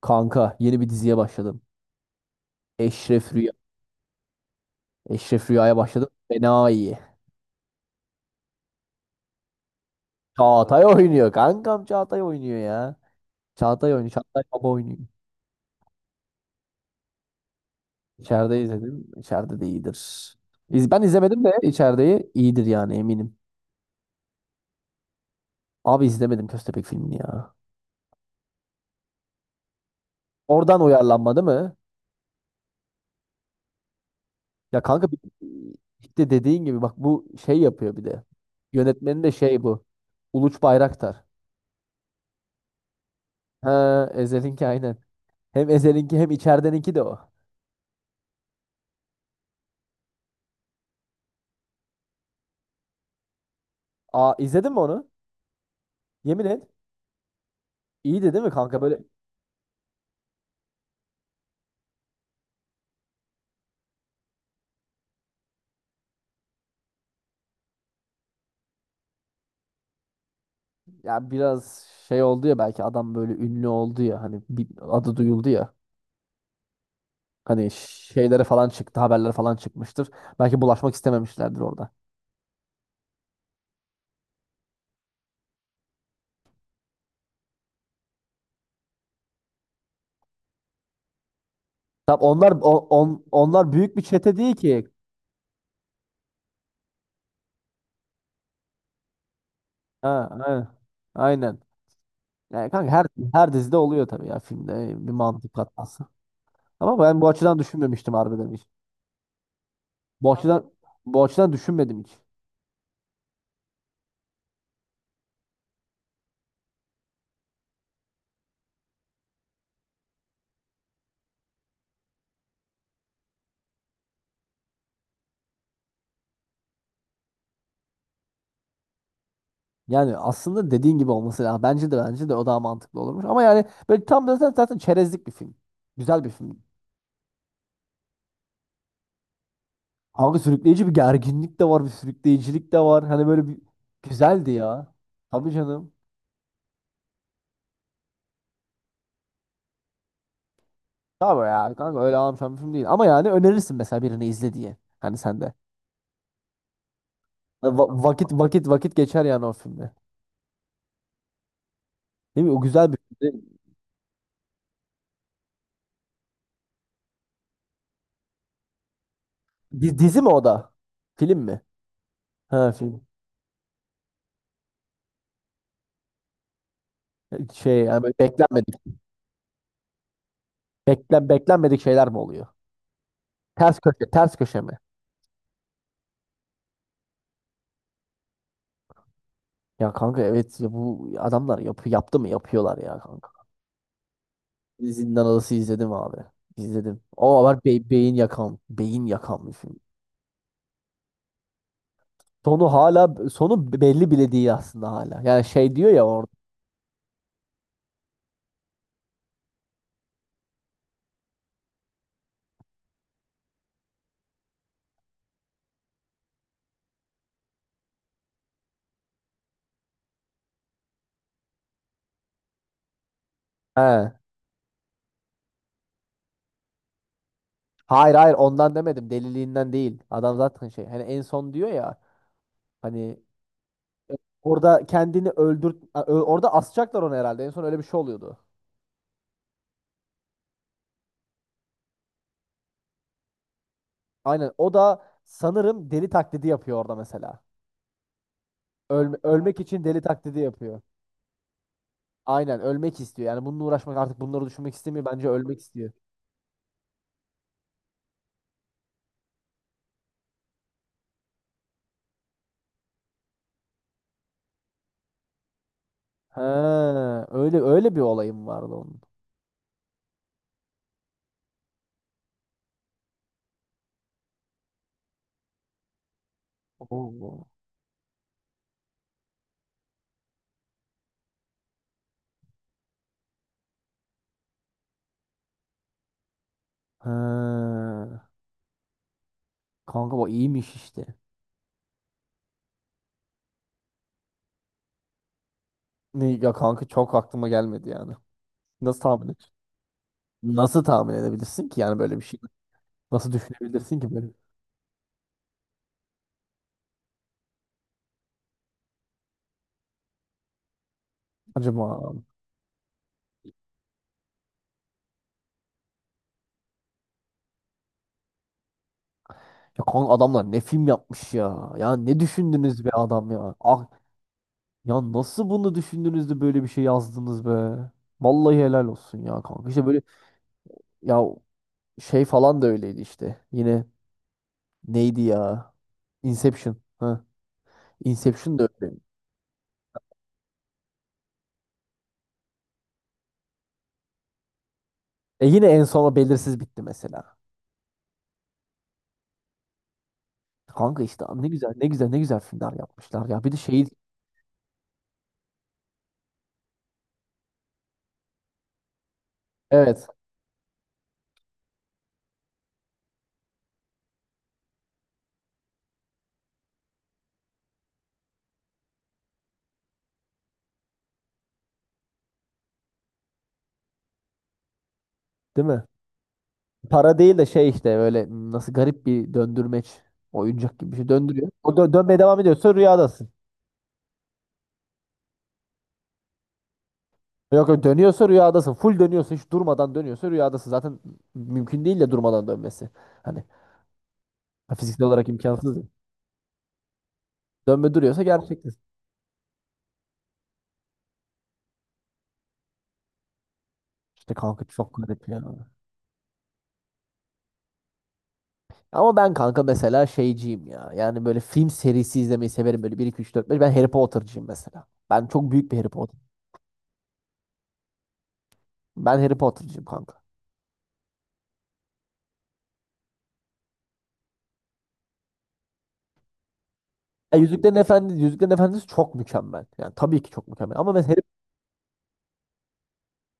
Kanka yeni bir diziye başladım. Eşref Rüya. Eşref Rüya'ya başladım. Fena iyi. Çağatay oynuyor. Kankam Çağatay oynuyor ya. Çağatay oynuyor. Çağatay baba oynuyor. İçeride izledim. İçeride de iyidir. Ben izlemedim de içerideyi iyidir, yani eminim. Abi izlemedim Köstebek filmini ya. Oradan uyarlanma değil mi? Ya kanka işte dediğin gibi bak, bu şey yapıyor bir de. Yönetmeni de şey bu. Uluç Bayraktar. Ha, Ezel'inki aynen. Hem Ezel'inki hem içerideninki de o. Aa, izledin mi onu? Yemin et. İyiydi değil mi kanka? Böyle ya, biraz şey oldu ya, belki adam böyle ünlü oldu ya, hani bir adı duyuldu ya. Hani şeylere falan çıktı, haberler falan çıkmıştır. Belki bulaşmak istememişlerdir orada. Tam onlar onlar büyük bir çete değil ki. Ha, aynen. Aynen. Yani kanka her dizide oluyor tabii ya, filmde bir mantık katması. Ama ben bu açıdan düşünmemiştim harbiden hiç. Bu açıdan bu açıdan düşünmedim hiç. Yani aslında dediğin gibi olması lazım. Bence de o daha mantıklı olurmuş. Ama yani böyle tam da zaten çerezlik bir film. Güzel bir film. Kanka sürükleyici bir gerginlik de var, bir sürükleyicilik de var. Hani böyle bir güzeldi ya. Tabii canım. Tabii ya kanka, öyle ağlamışan bir film değil. Ama yani önerirsin mesela birini izle diye. Hani sen de. Hani vakit geçer yani o filmde. Değil mi? O güzel bir film, değil mi? Dizi mi o da? Film mi? Ha, film. Şey yani böyle beklenmedik. Beklenmedik şeyler mi oluyor? Ters köşe, ters köşe mi? Ya kanka, evet ya, bu adamlar yaptı mı yapıyorlar ya kanka. Zindan Adası izledim abi. İzledim. O var, beyin yakan, beyin yakan bir film. Sonu hala, sonu belli bile değil aslında hala. Yani şey diyor ya orada. He. Hayır hayır, ondan demedim. Deliliğinden değil. Adam zaten şey, hani en son diyor ya, hani orada kendini öldür, orada asacaklar onu herhalde. En son öyle bir şey oluyordu. Aynen. O da sanırım deli taklidi yapıyor orada mesela. Ölmek için deli taklidi yapıyor. Aynen, ölmek istiyor. Yani bununla uğraşmak, artık bunları düşünmek istemiyor. Bence ölmek istiyor. Ha, öyle öyle bir olayım vardı onun. Oo. Ha. Kanka bu iyiymiş işte. Ne ya kanka, çok aklıma gelmedi yani. Nasıl tahmin et? Nasıl tahmin edebilirsin ki yani böyle bir şey? Nasıl düşünebilirsin ki böyle? Acaba ya kanka, adamlar ne film yapmış ya? Ya ne düşündünüz be adam ya? Ah, ya nasıl bunu düşündünüz de böyle bir şey yazdınız be? Vallahi helal olsun ya kanka. İşte böyle ya. Şey falan da öyleydi işte. Yine neydi ya? Inception. Ha. Inception da öyle. E yine en sona belirsiz bitti mesela. Kanka işte ne güzel, ne güzel, ne güzel filmler yapmışlar ya. Bir de şey, evet, değil mi? Para değil de şey işte, böyle nasıl garip bir döndürmeç, oyuncak gibi bir şey döndürüyor. O dönmeye devam ediyorsa rüyadasın. Yok yok, dönüyorsa rüyadasın. Full dönüyorsa, hiç durmadan dönüyorsa rüyadasın. Zaten mümkün değil de durmadan dönmesi. Hani fiziksel olarak imkansız ya. Dönme duruyorsa gerçektir. İşte kanka çok garip ya. Ama ben kanka mesela şeyciyim ya. Yani böyle film serisi izlemeyi severim. Böyle bir, iki, üç, dört, beş. Ben Harry Potter'cıyım mesela. Ben çok büyük bir Harry Potter. Ben Harry Potter'cıyım kanka. Ya Yüzüklerin Efendisi, Yüzüklerin Efendisi çok mükemmel. Yani tabii ki çok mükemmel. Ama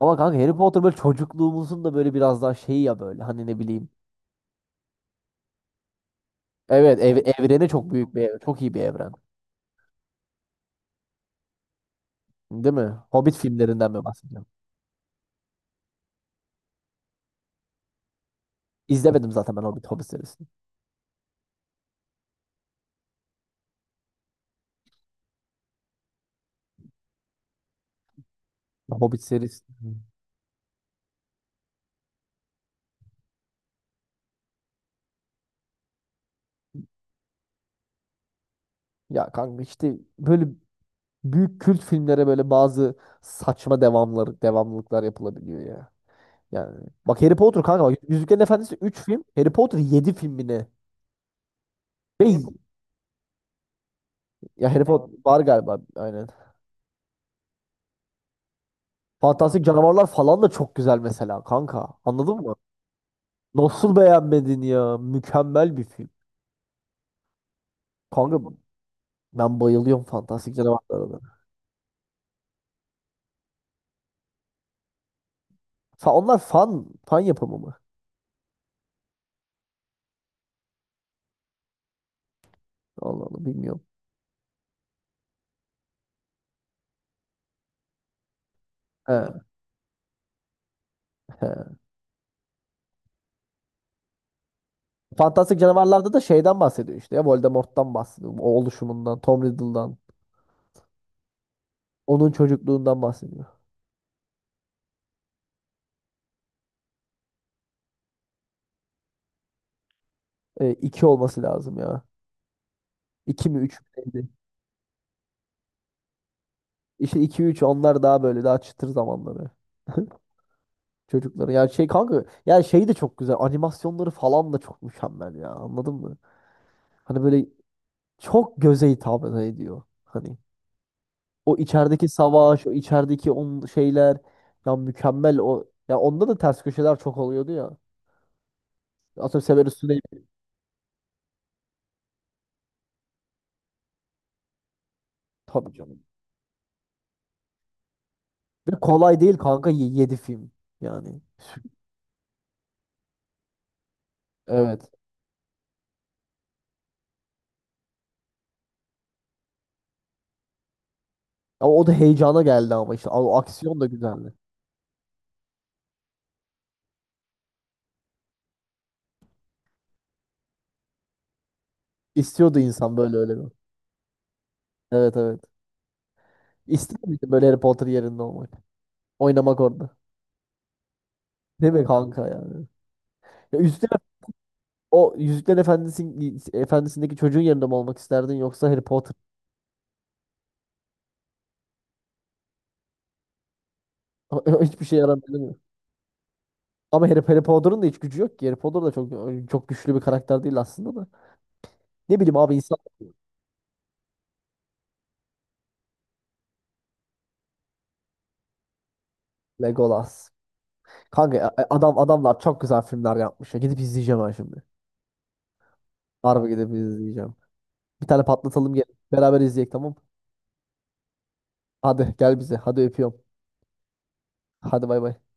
ama kanka Harry Potter böyle çocukluğumuzun da, böyle biraz daha şeyi ya böyle. Hani ne bileyim. Evet, evreni çok büyük bir. Çok iyi bir evren. Değil mi? Hobbit filmlerinden mi bahsediyorum? İzlemedim zaten ben Hobbit serisini. Hobbit serisi. Ya kanka işte böyle, büyük kült filmlere böyle bazı saçma devamlar, devamlılıklar yapılabiliyor ya. Yani bak Harry Potter kanka, bak Yüzüklerin Efendisi üç film, Harry Potter 7 film mi ne? Ve ya, Harry Potter var galiba aynen. Fantastik Canavarlar falan da çok güzel mesela kanka. Anladın mı? Nasıl beğenmedin ya? Mükemmel bir film. Kanka ben bayılıyorum Fantastik Canavarlara da. Onlar fan yapımı mı? Allah Allah, bilmiyorum. He, he. Fantastik canavarlarda da şeyden bahsediyor işte, ya Voldemort'tan bahsediyor. O oluşumundan, Tom Riddle'dan. Onun çocukluğundan bahsediyor. E, iki olması lazım ya. İki mi üç mü neydi? İşte iki üç, onlar daha böyle, daha çıtır zamanları. Çocukları. Yani şey kanka, yani şey de çok güzel. Animasyonları falan da çok mükemmel ya. Anladın mı? Hani böyle çok göze hitap ediyor. Hani o içerideki savaş, o içerideki on şeyler ya, mükemmel o. Ya onda da ters köşeler çok oluyordu ya. Atıyorum Severus Snape. Tabii canım. Ve kolay değil kanka, 7 film. Yani. Evet. Ama o da heyecana geldi ama işte. O aksiyon da güzeldi. İstiyordu insan böyle öyle bir. Evet, evet. İster miydin böyle Harry Potter yerinde olmak? Oynamak orada. Değil mi kanka yani? Ya o Yüzükler Efendisi'ndeki çocuğun yerinde mi olmak isterdin yoksa Harry Potter? Hiçbir şey yaramıyor, değil mi? Ama Harry Potter'ın da hiç gücü yok ki. Harry Potter da çok çok güçlü bir karakter değil aslında da. Ne bileyim abi, insan Legolas. Kanka adamlar çok güzel filmler yapmış ya. Gidip izleyeceğim ben şimdi. Harbi gidip izleyeceğim. Bir tane patlatalım gel. Beraber izleyek, tamam. Hadi gel bize. Hadi öpüyorum. Hadi, bay bay.